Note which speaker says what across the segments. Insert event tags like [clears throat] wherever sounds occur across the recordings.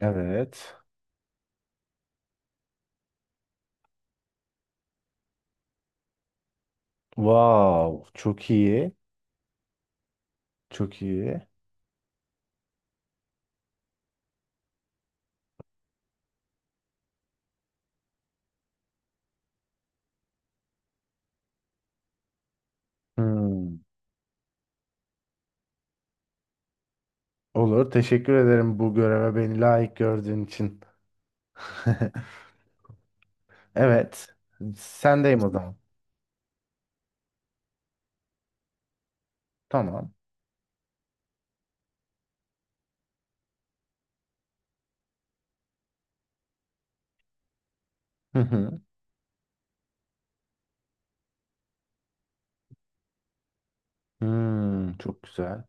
Speaker 1: Evet. Wow, çok iyi. Çok iyi. Hmm. Olur. Teşekkür ederim bu göreve beni layık gördüğün için. [laughs] Evet. Sendeyim o zaman. Tamam. Hı hı. Hmm, çok güzel.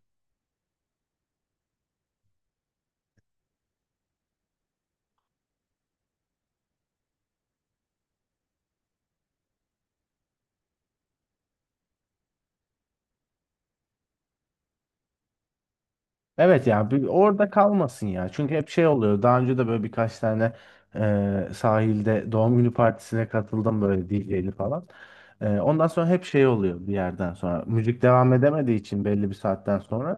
Speaker 1: Evet ya bir orada kalmasın ya. Çünkü hep şey oluyor. Daha önce de böyle birkaç tane sahilde doğum günü partisine katıldım böyle DJ'li falan. Ondan sonra hep şey oluyor bir yerden sonra. Müzik devam edemediği için belli bir saatten sonra.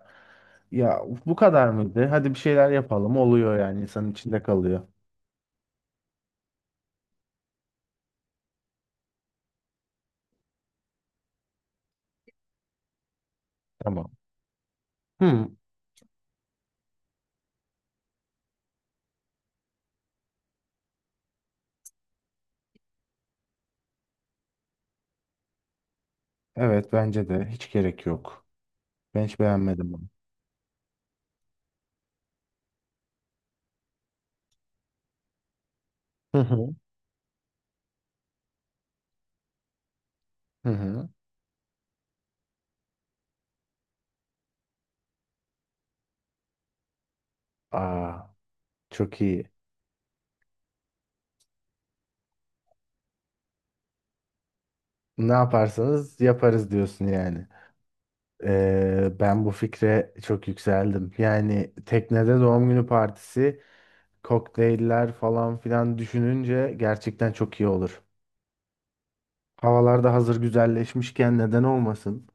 Speaker 1: Ya bu kadar mıydı? Hadi bir şeyler yapalım oluyor yani insanın içinde kalıyor. Tamam. Hı, evet bence de hiç gerek yok. Ben hiç beğenmedim bunu. Hı hı. Hı hı. Aa, çok iyi. Ne yaparsanız yaparız diyorsun yani. Ben bu fikre çok yükseldim. Yani teknede doğum günü partisi, kokteyller falan filan düşününce gerçekten çok iyi olur. Havalar da hazır güzelleşmişken neden olmasın?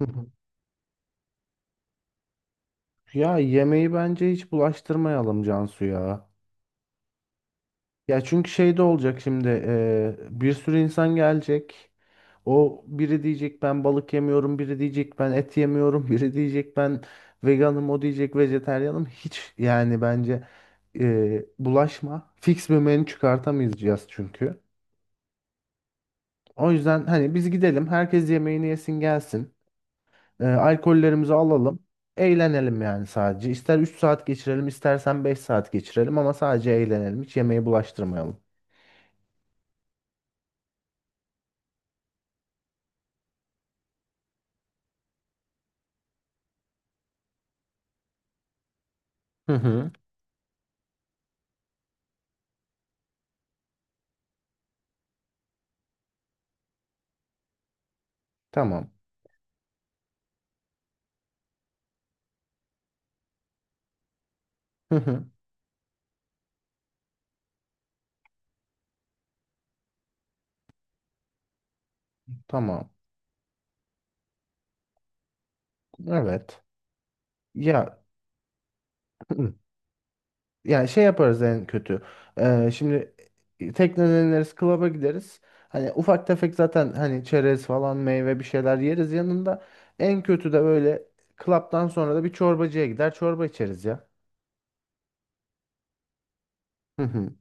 Speaker 1: [laughs] Ya yemeği bence hiç bulaştırmayalım Cansu ya. Ya çünkü şey de olacak şimdi bir sürü insan gelecek. O biri diyecek ben balık yemiyorum, biri diyecek ben et yemiyorum, [laughs] biri diyecek ben veganım, o diyecek vejetaryenim. Hiç yani bence bulaşma. Fix bir menü çıkartamayacağız çünkü. O yüzden hani biz gidelim, herkes yemeğini yesin gelsin. Alkollerimizi alalım. Eğlenelim yani sadece. İster 3 saat geçirelim, istersen 5 saat geçirelim ama sadece eğlenelim. Hiç yemeği bulaştırmayalım. Hı hı. Tamam. [laughs] Tamam. Evet. Ya [clears throat] ya şey yaparız en kötü. Şimdi tekneden ineriz, klaba gideriz. Hani ufak tefek zaten hani çerez falan meyve bir şeyler yeriz yanında. En kötü de böyle klaptan sonra da bir çorbacıya gider çorba içeriz ya. Hı hı.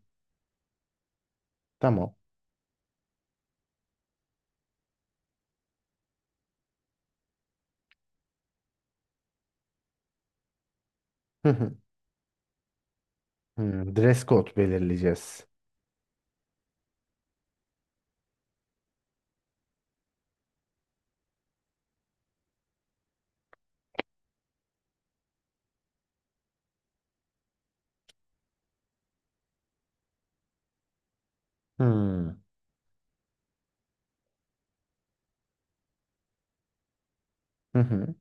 Speaker 1: Tamam. Hı hı. Hmm, dress code belirleyeceğiz. Hmm. Hı hı.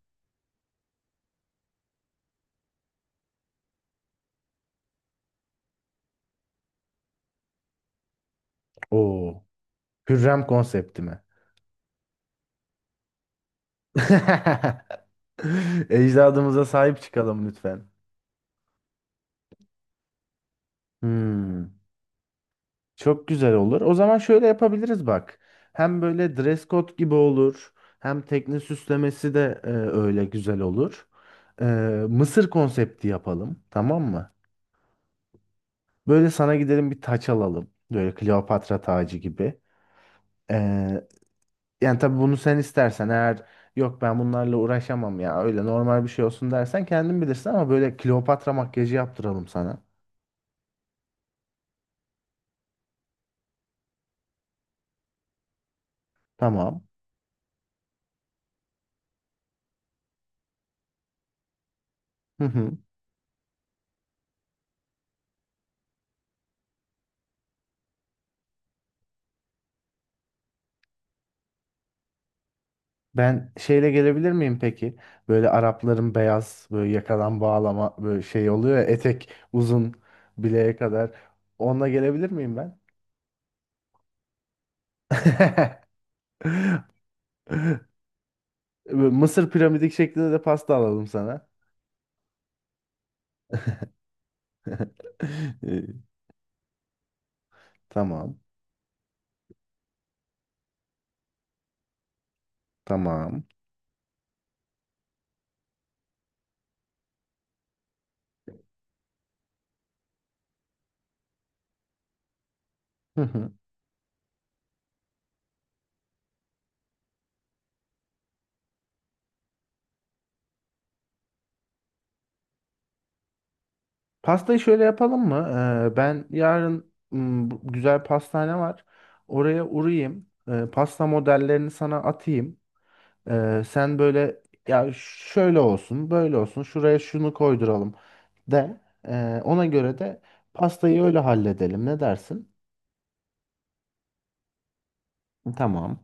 Speaker 1: Oo. Hürrem konsepti mi? [laughs] Ecdadımıza sahip çıkalım lütfen. Hmm. Çok güzel olur. O zaman şöyle yapabiliriz bak. Hem böyle dress code gibi olur. Hem tekne süslemesi de öyle güzel olur. E, Mısır konsepti yapalım. Tamam mı? Böyle sana gidelim bir taç alalım. Böyle Kleopatra tacı gibi. E, Yani tabii bunu sen istersen eğer yok ben bunlarla uğraşamam ya öyle normal bir şey olsun dersen kendin bilirsin ama böyle Kleopatra makyajı yaptıralım sana. Tamam. [laughs] Ben şeyle gelebilir miyim peki? Böyle Arapların beyaz böyle yakadan bağlama böyle şey oluyor ya, etek uzun bileğe kadar. Onunla gelebilir miyim ben? [laughs] Böyle Mısır piramidik şeklinde de pasta alalım sana. [laughs] Ee, Tamam. Tamam. Hı hı. Pastayı şöyle yapalım mı? Ben yarın bu güzel pastane var. Oraya uğrayayım. Pasta modellerini sana atayım. Sen böyle ya şöyle olsun, böyle olsun, şuraya şunu koyduralım de. Ona göre de pastayı öyle halledelim. Ne dersin? Tamam.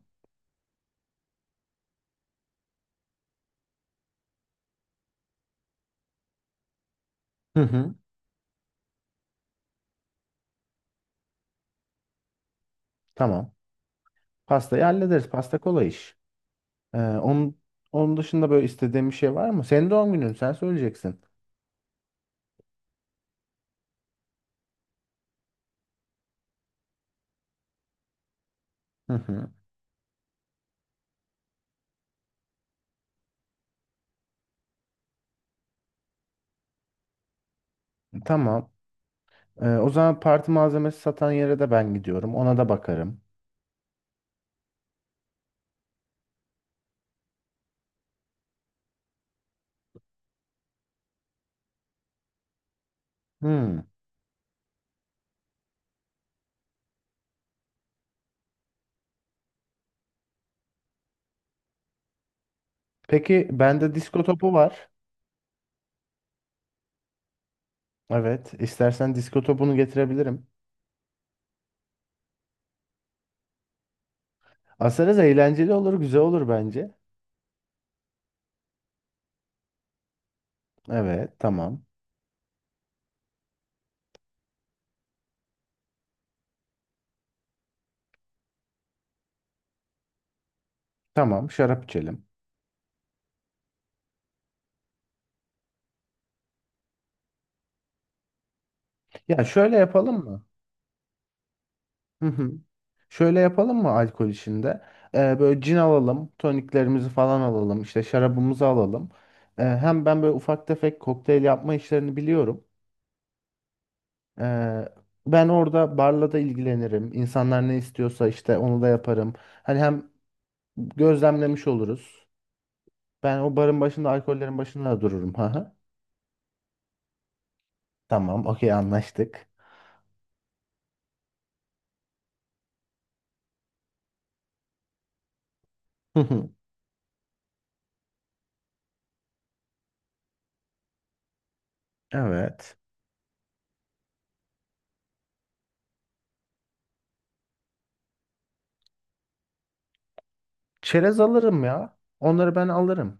Speaker 1: Hı hı. Tamam. Pastayı hallederiz. Pasta kolay iş. Ee, onun onun dışında böyle istediğin bir şey var mı? Senin doğum günün, sen söyleyeceksin. Hı hı. Tamam. O zaman parti malzemesi satan yere de ben gidiyorum. Ona da bakarım. Hmm. Peki bende disko topu var. Evet, istersen disko topunu getirebilirim. Asarız, eğlenceli olur, güzel olur bence. Evet, tamam. Tamam, şarap içelim. Ya şöyle yapalım mı? Hı hı. Şöyle yapalım mı alkol işinde? Böyle cin alalım, toniklerimizi falan alalım, işte şarabımızı alalım. Hem ben böyle ufak tefek kokteyl yapma işlerini biliyorum. Ee, Ben orada barla da ilgilenirim. İnsanlar ne istiyorsa işte onu da yaparım. Hani hem gözlemlemiş oluruz. Ben o barın başında, alkollerin başında da dururum. Ha, tamam, okey anlaştık. [laughs] Evet. Çerez alırım ya. Onları ben alırım.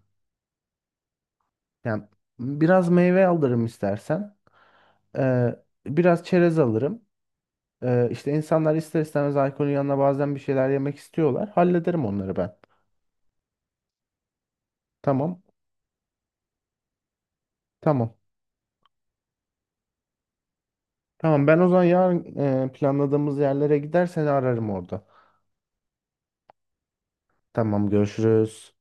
Speaker 1: Yani biraz meyve alırım istersen. Ee, Biraz çerez alırım. İşte insanlar ister istemez alkolün yanına bazen bir şeyler yemek istiyorlar. Hallederim onları ben. Tamam. Tamam. Tamam, ben o zaman yarın planladığımız yerlere gidersen ararım orada. Tamam, görüşürüz.